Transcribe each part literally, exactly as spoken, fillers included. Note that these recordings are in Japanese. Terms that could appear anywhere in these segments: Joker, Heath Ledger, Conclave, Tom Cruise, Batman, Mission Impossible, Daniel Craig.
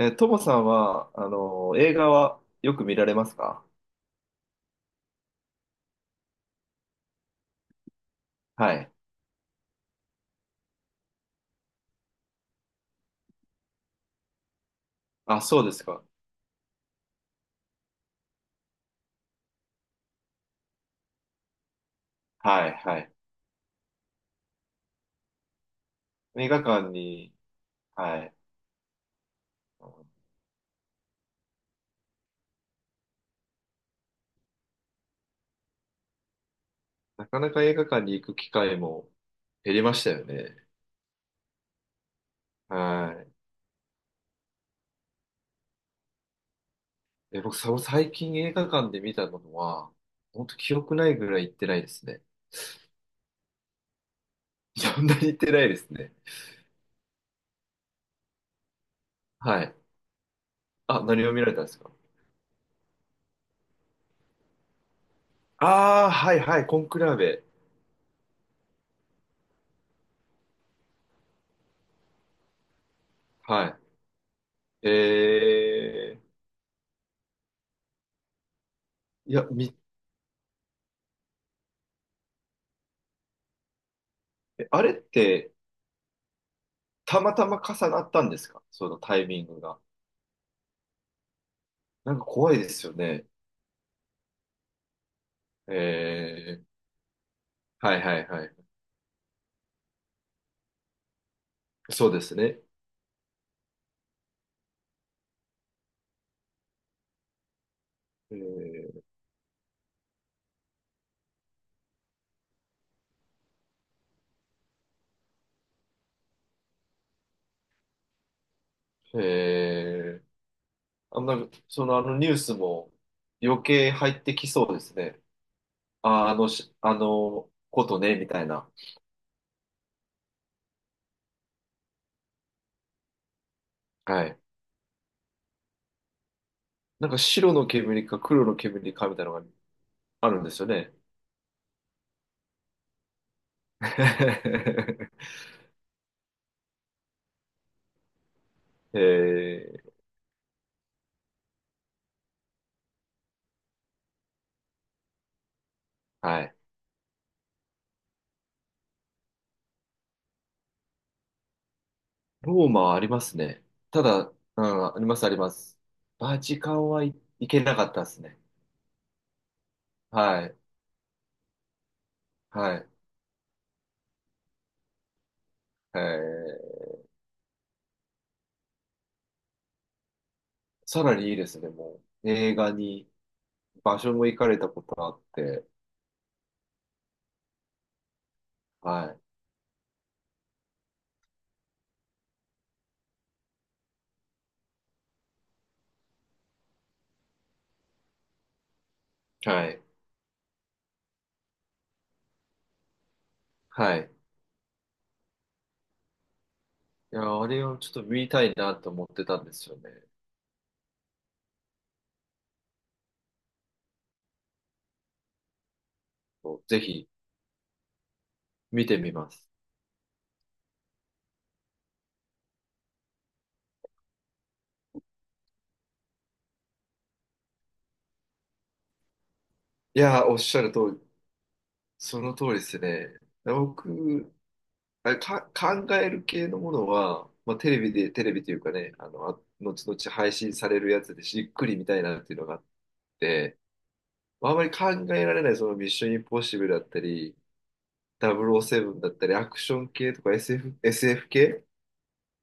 え、トモさんは、あの、映画はよく見られますか？はい。あ、そうですか。はい、はい。映画館に、はい。なかなか映画館に行く機会も減りましたよね。はい。え、僕、さ最近映画館で見たのは、本当記憶ないぐらい行ってないですね。そんなに行ってないですね。はい。あ、何を見られたんですか？ああー、はい、はい、コンクラーベ。はい。えー、いや、み、あれって、たまたま重なったんですか？そのタイミングが。なんか怖いですよね。えー、はいはいはい。そうですね。えー、えー、あ、なんか、そのあのニュースも余計入ってきそうですね。あ、あのし、あのことね、みたいな。はい。なんか白の煙か黒の煙かみたいなのがあるんですよね。えー、はい。ローマはありますね。ただ、うん、あります、あります。バチカンはい、行けなかったですね。はい、はい。えー、さらにいいですね、もう。映画に、場所も行かれたことあって、はい、はい、はい。いや、あれをちょっと見たいなと思ってたんですよね。そうぜひ、見てみます。いや、おっしゃる通り、その通りですね。僕、あれか、考える系のものは、まあ、テレビで、テレビというかね、あの、あ後々配信されるやつでじっくり見たいなっていうのがあって、まあ、あまり考えられない、そのミッションインポッシブルだったり、ダブルオーセブンだったり、アクション系とか エスエフ、エスエフ 系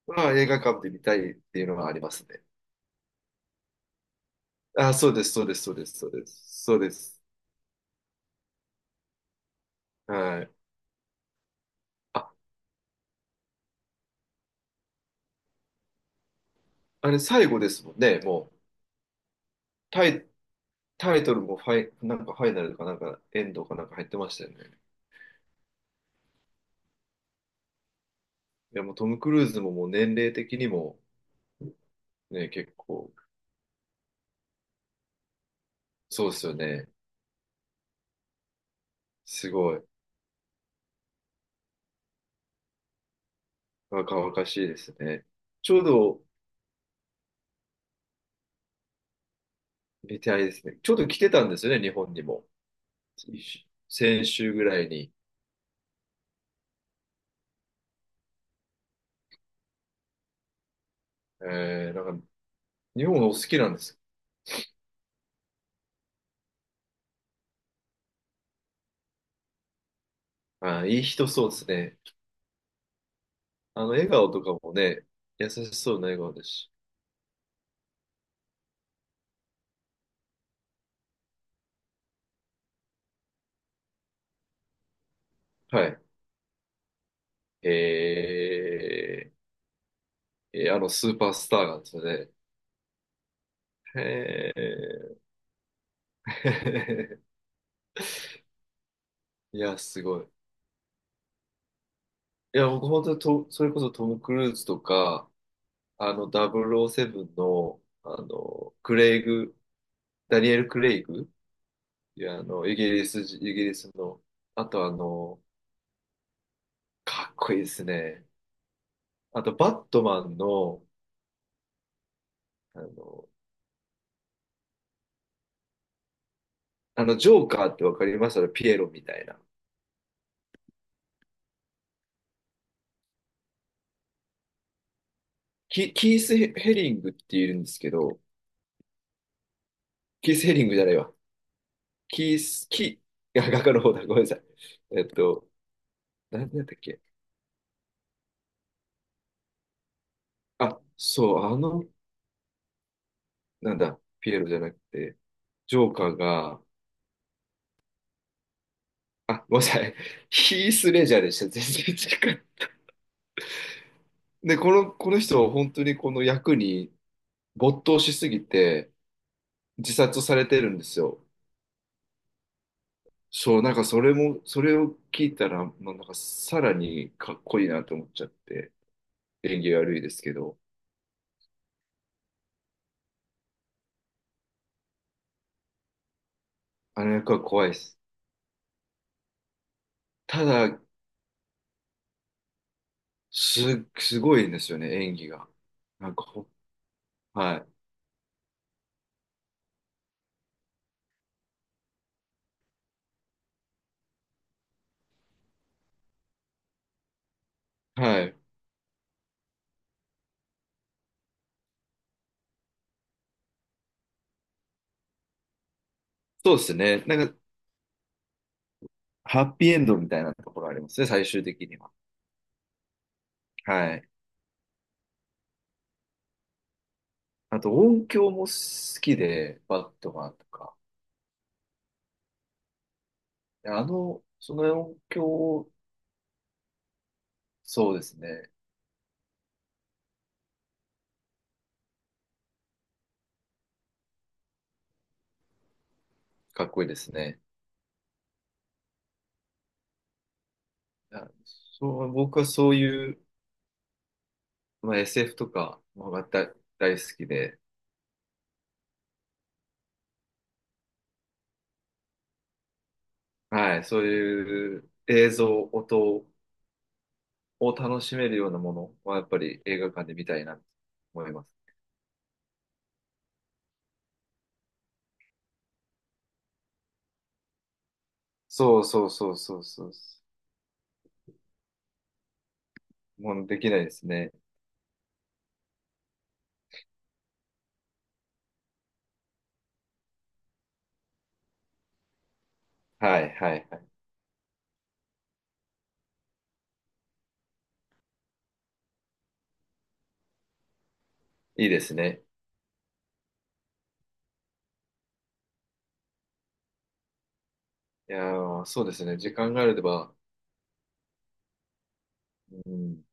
は映画館で見たいっていうのはありますね。あ、そうです、そうです、そうです、そうです、そうです。はい。あ、あれ最後ですもんね、もう。タイ、タイトルもファイ、なんかファイナルとかなんかエンドかなんか入ってましたよね。いや、もうトム・クルーズももう年齢的にもね、結構、そうですよね。すごい。若々しいですね。ちょうど、見てあれですね。ちょうど来てたんですよね、日本にも。先週ぐらいに。えー、なんか、日本お好きなんです。あー、いい人そうですね。あの、笑顔とかもね、優しそうな笑顔ですし。はい。えー、えーあの、スーパースターなんですよね。へえ。いや、すごい。いや、僕本当にと、それこそトム・クルーズとか、あの、ダブルオーセブンの、あの、クレイグ、ダニエル・クレイグ。いや、あの、イギリス人、イギリスの、あとあの、かっこいいですね。あと、バットマンの、あの、あの、ジョーカーってわかります？あのピエロみたいな。キ、キース・ヘリングっているんですけど、キース・ヘリングじゃないわ。キース、キ、いや、画家の方だ。ごめんなさい。えっと、なんだったっけ？あ、そう、あのなんだ、ピエロじゃなくて、ジョーカーが、あ、ごめんなさい、ヒース・レジャーでした。全然違う。で、この、この人、本当にこの役に没頭しすぎて、自殺されてるんですよ。そう、なんかそれも、それを聞いたら、まあ、なんかさらにかっこいいなと思っちゃって、演技悪いですけど、あの役は怖いです。ただ、す、すごいんですよね、演技が。なんかほ、はい。はい。そうですね。なんか、ハッピーエンドみたいなところありますね、最終的には。はい。あと音響も好きで、バットマンとか。あの、その音響、そうですね。かっこいいですね。あそう、僕はそういう、まあ、エスエフ とかもまた大好きで、はい、そういう映像、音を楽しめるようなものはやっぱり映画館で見たいなと思います。そうそうそうそうそう。もうできないですね。はいはいはい。いいですね。いやー、そうですね。時間があれば。うん。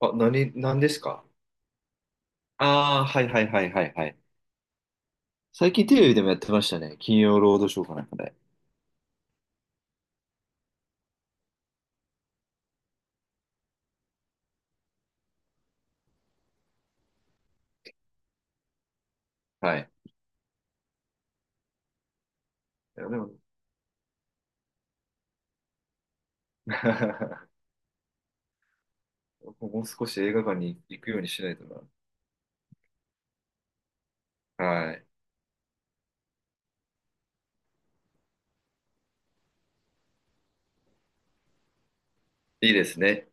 あ、何、何ですか？ああー、はいはいはいはいはい。最近テレビでもやってましたね。金曜ロードショーかなんかで。はい。いや、でも、もう少し映画館に行くようにしないとな。はい。いいですね。